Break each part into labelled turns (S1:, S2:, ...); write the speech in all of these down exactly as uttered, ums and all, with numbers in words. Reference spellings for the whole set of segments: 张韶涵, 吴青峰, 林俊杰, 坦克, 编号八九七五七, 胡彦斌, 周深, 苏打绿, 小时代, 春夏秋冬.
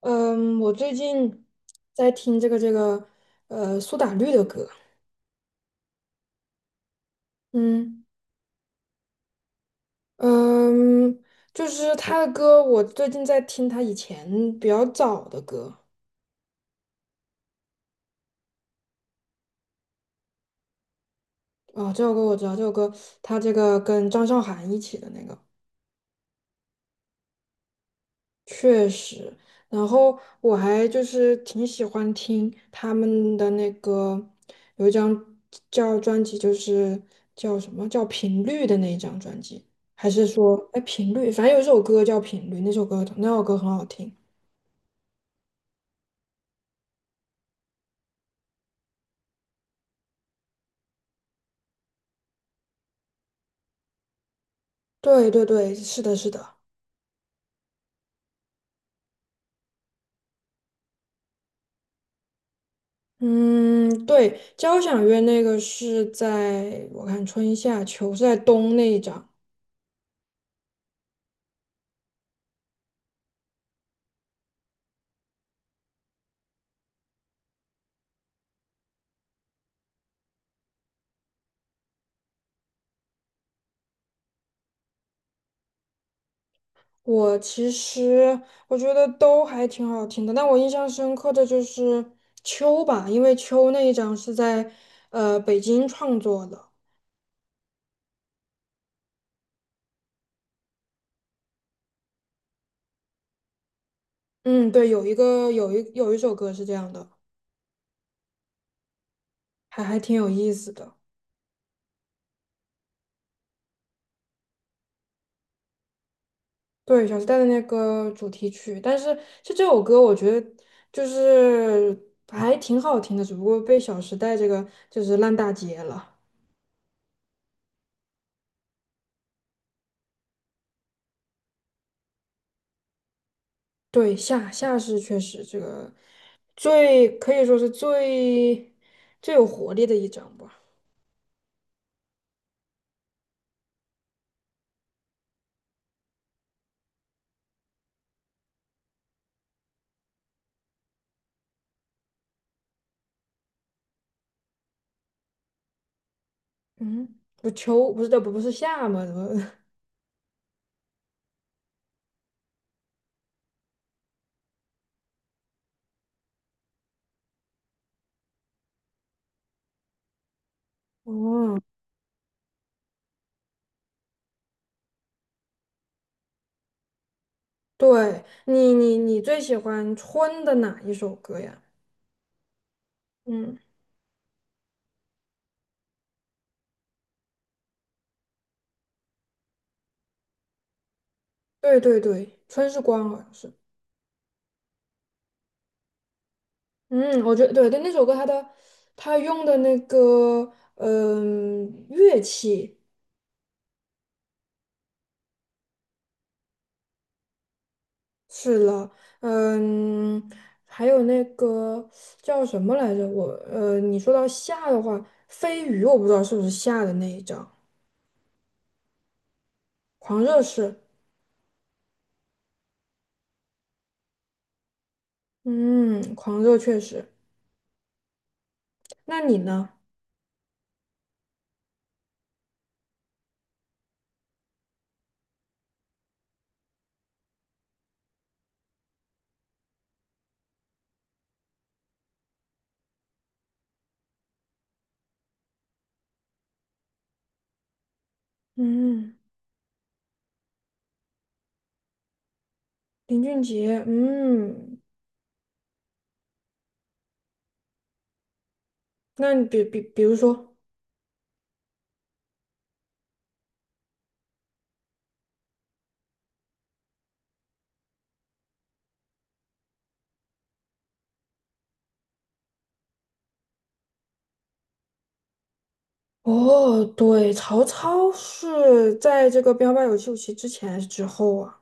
S1: 嗯，我最近在听这个这个呃苏打绿的歌。嗯嗯，就是他的歌，我最近在听他以前比较早的歌。啊，这首歌我知道，这首歌他这个跟张韶涵一起的那个。确实。然后我还就是挺喜欢听他们的那个，有一张叫专辑，就是叫什么叫频率的那一张专辑，还是说哎频率，反正有一首歌叫频率，那首歌那首歌很好听。对对对，是的，是的。嗯，对，交响乐那个是在我看春夏秋是在冬那一张。我其实我觉得都还挺好听的，但我印象深刻的就是《秋》吧，因为《秋》那一张是在呃北京创作的。嗯，对，有一个有一有一首歌是这样的，还还挺有意思的。对，小时代的那个主题曲，但是就这首歌，我觉得就是还挺好听的，只不过被《小时代》这个就是烂大街了。对，夏夏是确实这个最可以说是最最有活力的一张吧。嗯，不秋不是这不不是夏吗？怎么？哦，对你你你最喜欢春的哪一首歌呀？嗯，对对对，春是光好像是。嗯，我觉得对对，那首歌它的它用的那个嗯、乐器。是了。嗯，还有那个叫什么来着？我呃，你说到夏的话，飞鱼我不知道是不是夏的那一张，狂热是。嗯，狂热确实。那你呢？嗯，林俊杰。嗯，那你比比比如说，哦，对，曹操是在这个《编号八九七五七》之前还是之后啊？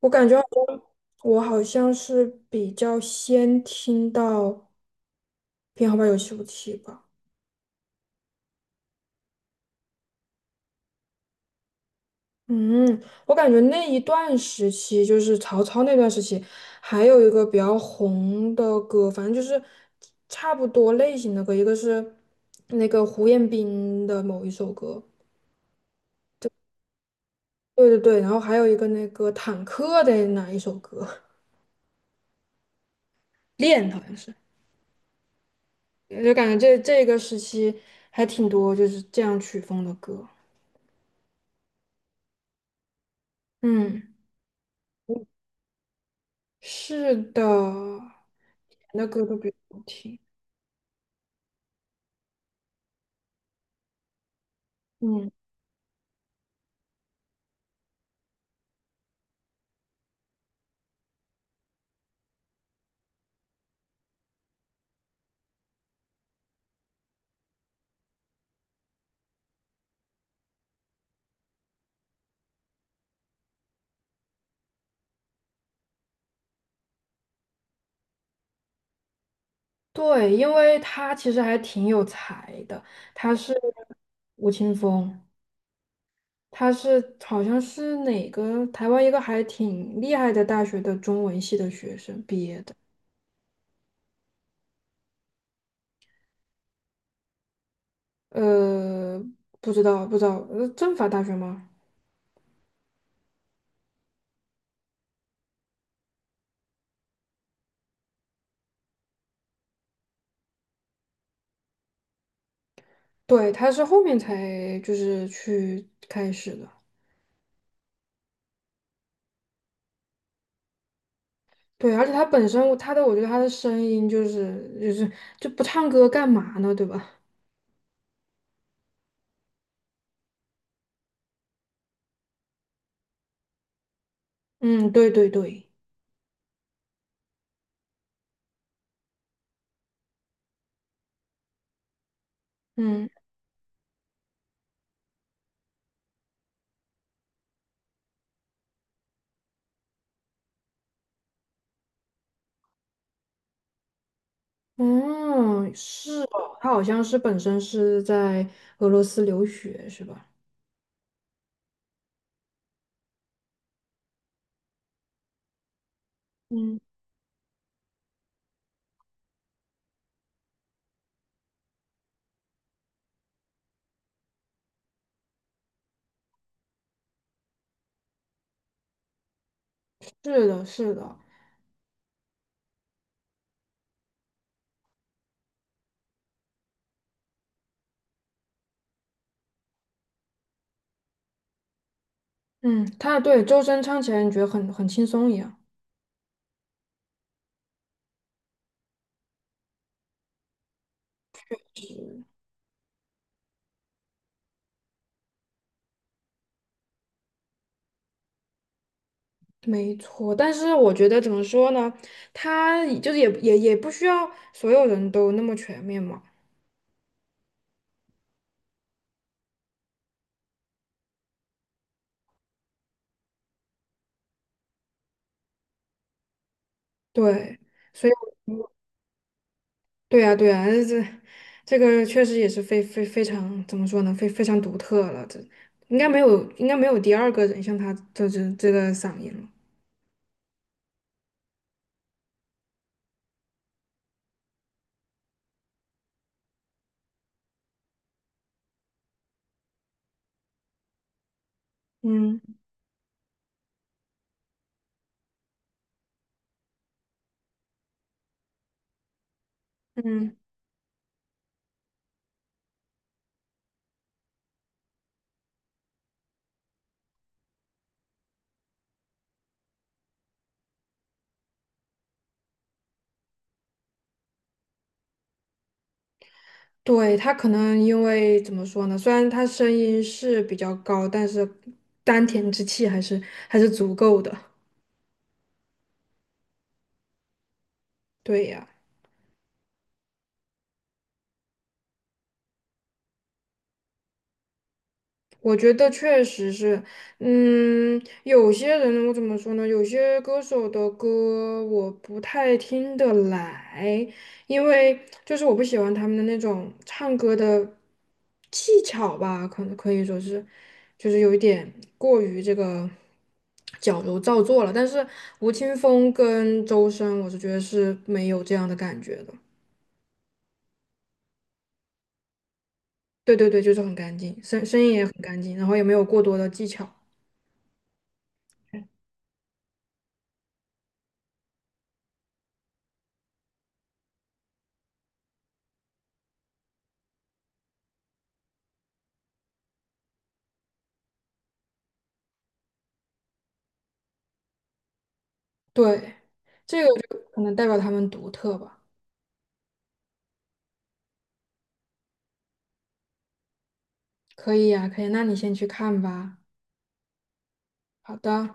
S1: 我感觉好像我好像是比较先听到《编号八九七五七》吧。嗯，我感觉那一段时期，就是曹操那段时期，还有一个比较红的歌，反正就是差不多类型的歌，一个是那个胡彦斌的某一首歌。对对对，然后还有一个那个坦克的哪一首歌，《恋》好像是。就感觉这这个时期还挺多就是这样曲风的歌。嗯，是的，以前的歌都比较好听。嗯。对，因为他其实还挺有才的，他是吴青峰。他是好像是哪个台湾一个还挺厉害的大学的中文系的学生毕业的。呃，不知道不知道。呃，政法大学吗？对，他是后面才就是去开始的。对，而且他本身他的我觉得他的声音就是就是就不唱歌干嘛呢，对吧？嗯，对对对。嗯。嗯，是哦，他好像是本身是在俄罗斯留学，是吧？嗯，是的，是的。嗯，他对周深唱起来，你觉得很很轻松一样，没错。但是我觉得怎么说呢，他也就是也也也不需要所有人都那么全面嘛。对，所以我对呀，对呀，这这个确实也是非非非常怎么说呢，非非常独特了，这应该没有应该没有第二个人像他这这这个嗓音了。嗯嗯。对，他可能因为怎么说呢？虽然他声音是比较高，但是丹田之气还是还是足够的。对呀。我觉得确实是。嗯，有些人我怎么说呢？有些歌手的歌我不太听得来，因为就是我不喜欢他们的那种唱歌的技巧吧，可能可以说是，就是有一点过于这个矫揉造作了。但是吴青峰跟周深，我是觉得是没有这样的感觉的。对对对，就是很干净，声声音也很干净，然后也没有过多的技巧。对。这个就可能代表他们独特吧。可以呀，可以，那你先去看吧。好的。